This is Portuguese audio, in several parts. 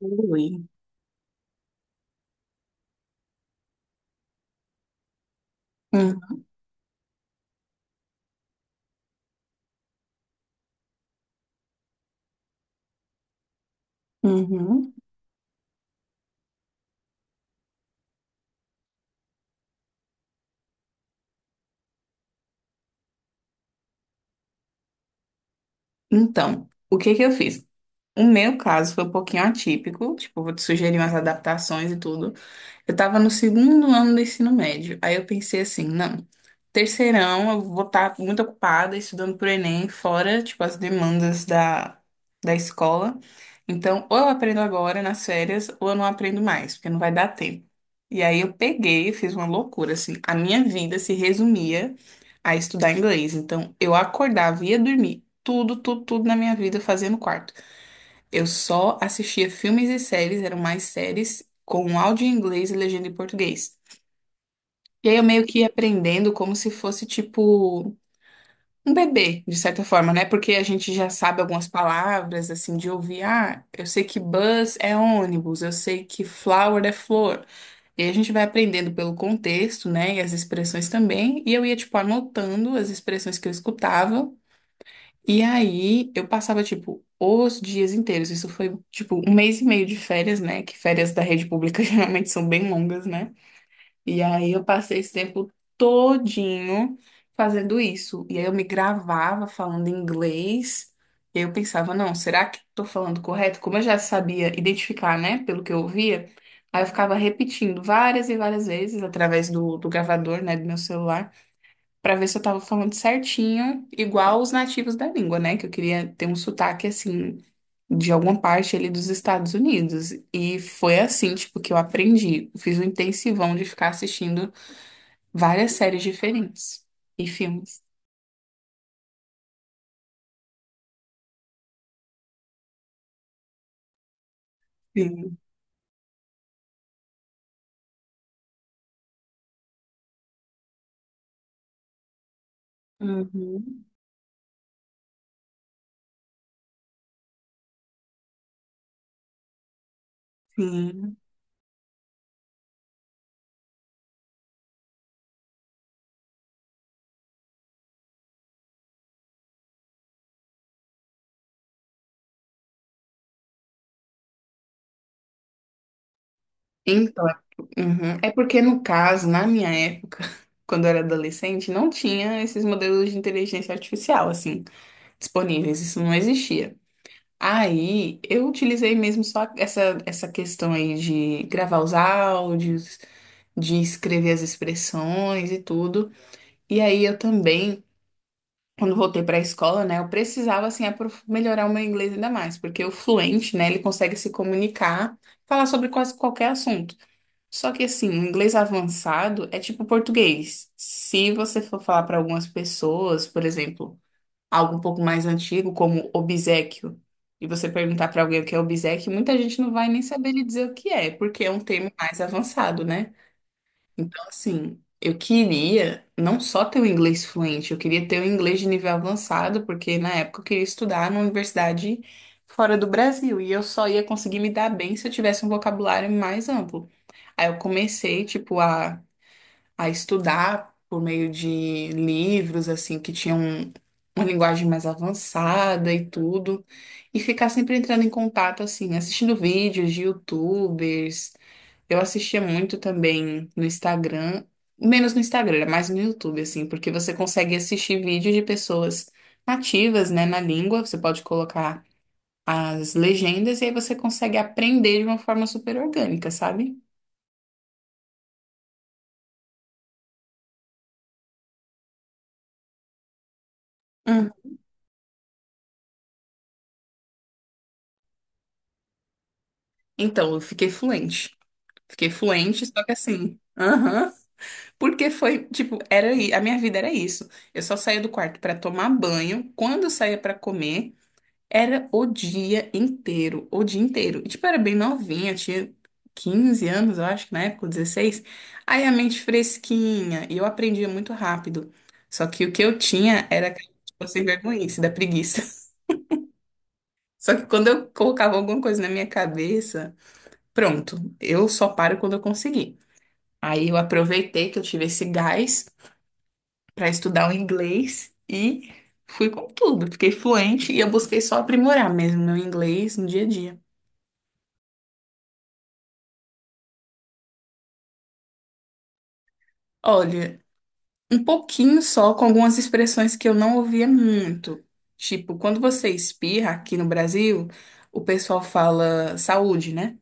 Ui. Uhum, uhum. Então, o que que eu fiz? O meu caso foi um pouquinho atípico, tipo, vou te sugerir umas adaptações e tudo. Eu estava no segundo ano do ensino médio. Aí eu pensei assim, não, terceirão eu vou estar muito ocupada estudando pro Enem, fora, tipo, as demandas da escola. Então, ou eu aprendo agora nas férias, ou eu não aprendo mais, porque não vai dar tempo. E aí eu peguei e fiz uma loucura, assim. A minha vida se resumia a estudar inglês. Então, eu acordava, ia dormir, tudo, tudo, tudo na minha vida fazia no quarto. Eu só assistia filmes e séries, eram mais séries, com áudio em inglês e legenda em português. E aí eu meio que ia aprendendo como se fosse tipo um bebê, de certa forma, né? Porque a gente já sabe algumas palavras, assim, de ouvir. Ah, eu sei que bus é ônibus, eu sei que flower é flor. E aí a gente vai aprendendo pelo contexto, né? E as expressões também. E eu ia, tipo, anotando as expressões que eu escutava. E aí eu passava, tipo, os dias inteiros. Isso foi, tipo, um mês e meio de férias, né? Que férias da rede pública geralmente são bem longas, né? E aí eu passei esse tempo todinho fazendo isso. E aí eu me gravava falando inglês. E eu pensava, não, será que tô falando correto? Como eu já sabia identificar, né? Pelo que eu ouvia, aí eu ficava repetindo várias e várias vezes através do gravador, né? Do meu celular. Pra ver se eu tava falando certinho, igual os nativos da língua, né? Que eu queria ter um sotaque assim de alguma parte ali dos Estados Unidos. E foi assim, tipo, que eu aprendi. Fiz um intensivão de ficar assistindo várias séries diferentes e filmes. Sim. Uhum. Sim. Então, é uhum. É porque no caso, na minha época, quando eu era adolescente, não tinha esses modelos de inteligência artificial assim disponíveis, isso não existia. Aí eu utilizei mesmo só essa, essa questão aí de gravar os áudios, de escrever as expressões e tudo. E aí eu também, quando voltei para a escola, né, eu precisava assim melhorar o meu inglês ainda mais, porque o fluente, né, ele consegue se comunicar, falar sobre quase qualquer assunto. Só que assim, o inglês avançado é tipo português. Se você for falar para algumas pessoas, por exemplo, algo um pouco mais antigo, como obséquio, e você perguntar para alguém o que é obséquio, muita gente não vai nem saber lhe dizer o que é, porque é um termo mais avançado, né? Então, assim, eu queria não só ter o inglês fluente, eu queria ter o inglês de nível avançado, porque na época eu queria estudar numa universidade fora do Brasil, e eu só ia conseguir me dar bem se eu tivesse um vocabulário mais amplo. Aí eu comecei, tipo, a estudar por meio de livros, assim, que tinham uma linguagem mais avançada e tudo, e ficar sempre entrando em contato, assim, assistindo vídeos de YouTubers. Eu assistia muito também no Instagram, menos no Instagram, era mais no YouTube, assim, porque você consegue assistir vídeos de pessoas nativas, né, na língua, você pode colocar as legendas e aí você consegue aprender de uma forma super orgânica, sabe? Hum. Então, eu fiquei fluente. Fiquei fluente, só que assim. Aham. Porque foi, tipo, era, a minha vida era isso. Eu só saía do quarto pra tomar banho. Quando eu saía pra comer, era o dia inteiro, o dia inteiro. E, tipo, eu era bem novinha, tinha 15 anos, eu acho, na época, 16. Aí a mente fresquinha, e eu aprendia muito rápido. Só que o que eu tinha era, tipo, sem vergonhice, da preguiça. Só que quando eu colocava alguma coisa na minha cabeça, pronto, eu só paro quando eu conseguir. Aí eu aproveitei que eu tive esse gás para estudar o inglês e fui com tudo. Fiquei fluente e eu busquei só aprimorar mesmo meu inglês no dia a dia. Olha, um pouquinho só com algumas expressões que eu não ouvia muito. Tipo, quando você espirra aqui no Brasil, o pessoal fala saúde, né?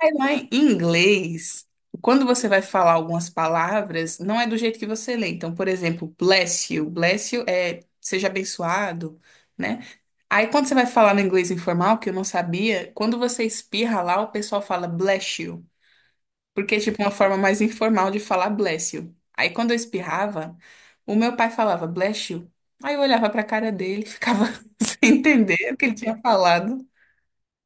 Aí lá em inglês, quando você vai falar algumas palavras, não é do jeito que você lê. Então, por exemplo, bless you. Bless you é seja abençoado, né? Aí quando você vai falar no inglês informal, que eu não sabia, quando você espirra lá, o pessoal fala bless you, porque é tipo uma forma mais informal de falar bless you. Aí quando eu espirrava, o meu pai falava bless you. Aí eu olhava pra cara dele, e ficava sem entender o que ele tinha falado.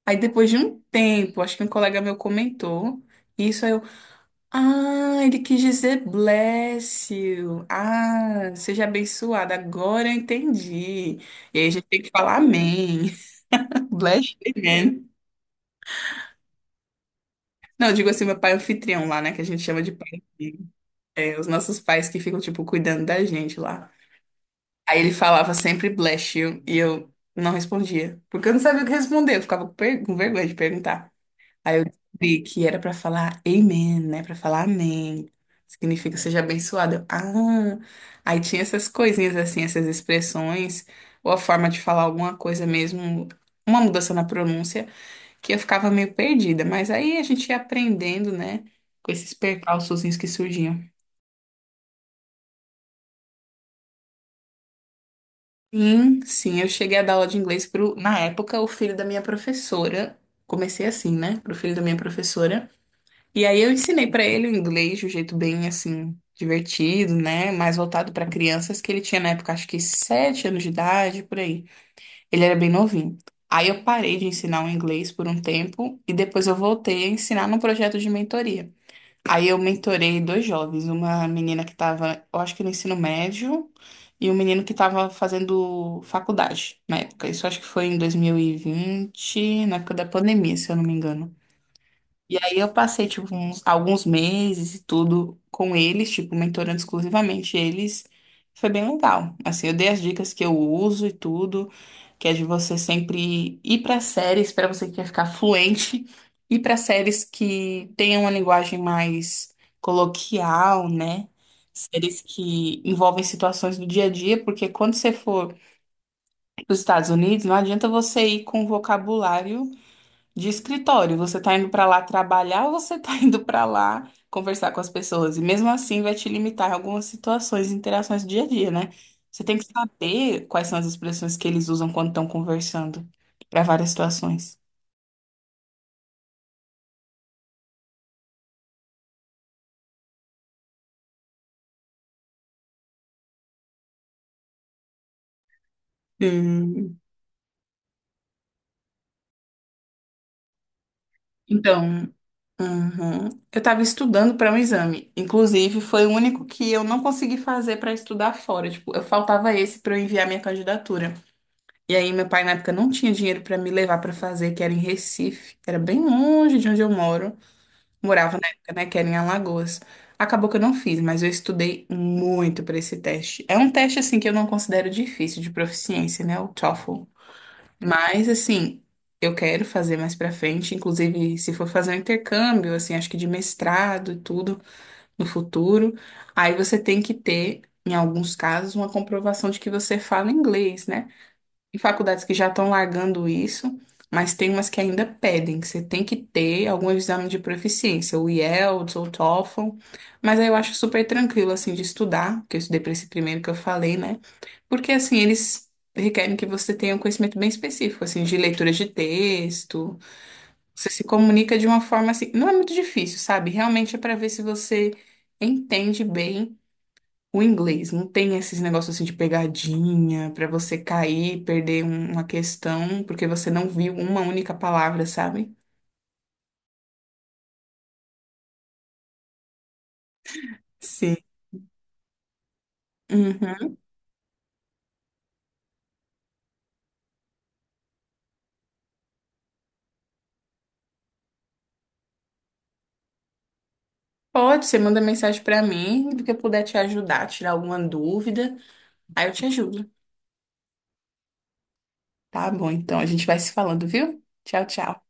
Aí depois de um tempo, acho que um colega meu comentou isso, aí eu, ah, ele quis dizer bless you. Ah, seja abençoada. Agora eu entendi. E aí a gente tem que falar amém. Bless you, man. Não, eu digo assim, meu pai é anfitrião lá, né, que a gente chama de pai, anfitrião. É, os nossos pais que ficam, tipo, cuidando da gente lá. Aí ele falava sempre bless you e eu não respondia, porque eu não sabia o que responder, eu ficava com com vergonha de perguntar. Aí eu descobri que era pra falar amen, né? Pra falar amém. Significa seja abençoado. Eu, ah, aí tinha essas coisinhas assim, essas expressões, ou a forma de falar alguma coisa mesmo, uma mudança na pronúncia, que eu ficava meio perdida. Mas aí a gente ia aprendendo, né? Com esses percalçozinhos que surgiam. Sim, sim, eu cheguei a dar aula de inglês pro, na época, o filho da minha professora. Comecei assim, né? Pro filho da minha professora. E aí eu ensinei pra ele o inglês de um jeito bem assim divertido, né? Mais voltado pra crianças que ele tinha na época, acho que 7 anos de idade, por aí. Ele era bem novinho. Aí eu parei de ensinar o inglês por um tempo e depois eu voltei a ensinar num projeto de mentoria. Aí eu mentorei dois jovens, uma menina que estava, eu acho que no ensino médio, e um menino que estava fazendo faculdade na época. Isso acho que foi em 2020, na época da pandemia, se eu não me engano. E aí eu passei, tipo, alguns meses e tudo com eles, tipo, mentorando exclusivamente eles. Foi bem legal. Assim, eu dei as dicas que eu uso e tudo, que é de você sempre ir para séries, para você que quer ficar fluente, ir para séries que tenham uma linguagem mais coloquial, né? Séries que envolvem situações do dia a dia, porque quando você for para os Estados Unidos, não adianta você ir com vocabulário de escritório, você tá indo pra lá trabalhar ou você tá indo pra lá conversar com as pessoas? E mesmo assim vai te limitar em algumas situações e interações do dia a dia, né? Você tem que saber quais são as expressões que eles usam quando estão conversando para várias situações. Hum, então, uhum. Eu estava estudando para um exame. Inclusive, foi o único que eu não consegui fazer para estudar fora. Tipo, eu faltava esse para eu enviar minha candidatura. E aí, meu pai na época não tinha dinheiro para me levar para fazer, que era em Recife, que era bem longe de onde eu moro. Morava na época, né, que era em Alagoas. Acabou que eu não fiz, mas eu estudei muito para esse teste. É um teste assim que eu não considero difícil de proficiência, né, o TOEFL. Mas assim, eu quero fazer mais para frente, inclusive se for fazer um intercâmbio, assim, acho que de mestrado e tudo no futuro, aí você tem que ter em alguns casos, uma comprovação de que você fala inglês, né? Tem faculdades que já estão largando isso, mas tem umas que ainda pedem, que você tem que ter algum exame de proficiência, o IELTS ou o TOEFL, mas aí eu acho super tranquilo, assim, de estudar, que eu estudei para esse primeiro que eu falei, né? Porque, assim, eles requerem que você tenha um conhecimento bem específico, assim, de leitura de texto, você se comunica de uma forma, assim, não é muito difícil, sabe? Realmente é para ver se você entende bem o inglês. Não tem esses negócios assim de pegadinha pra você cair, perder uma questão porque você não viu uma única palavra, sabe? Sim. Uhum. Pode, você manda mensagem pra mim, do que eu puder te ajudar, tirar alguma dúvida, aí eu te ajudo. Tá bom, então a gente vai se falando, viu? Tchau, tchau.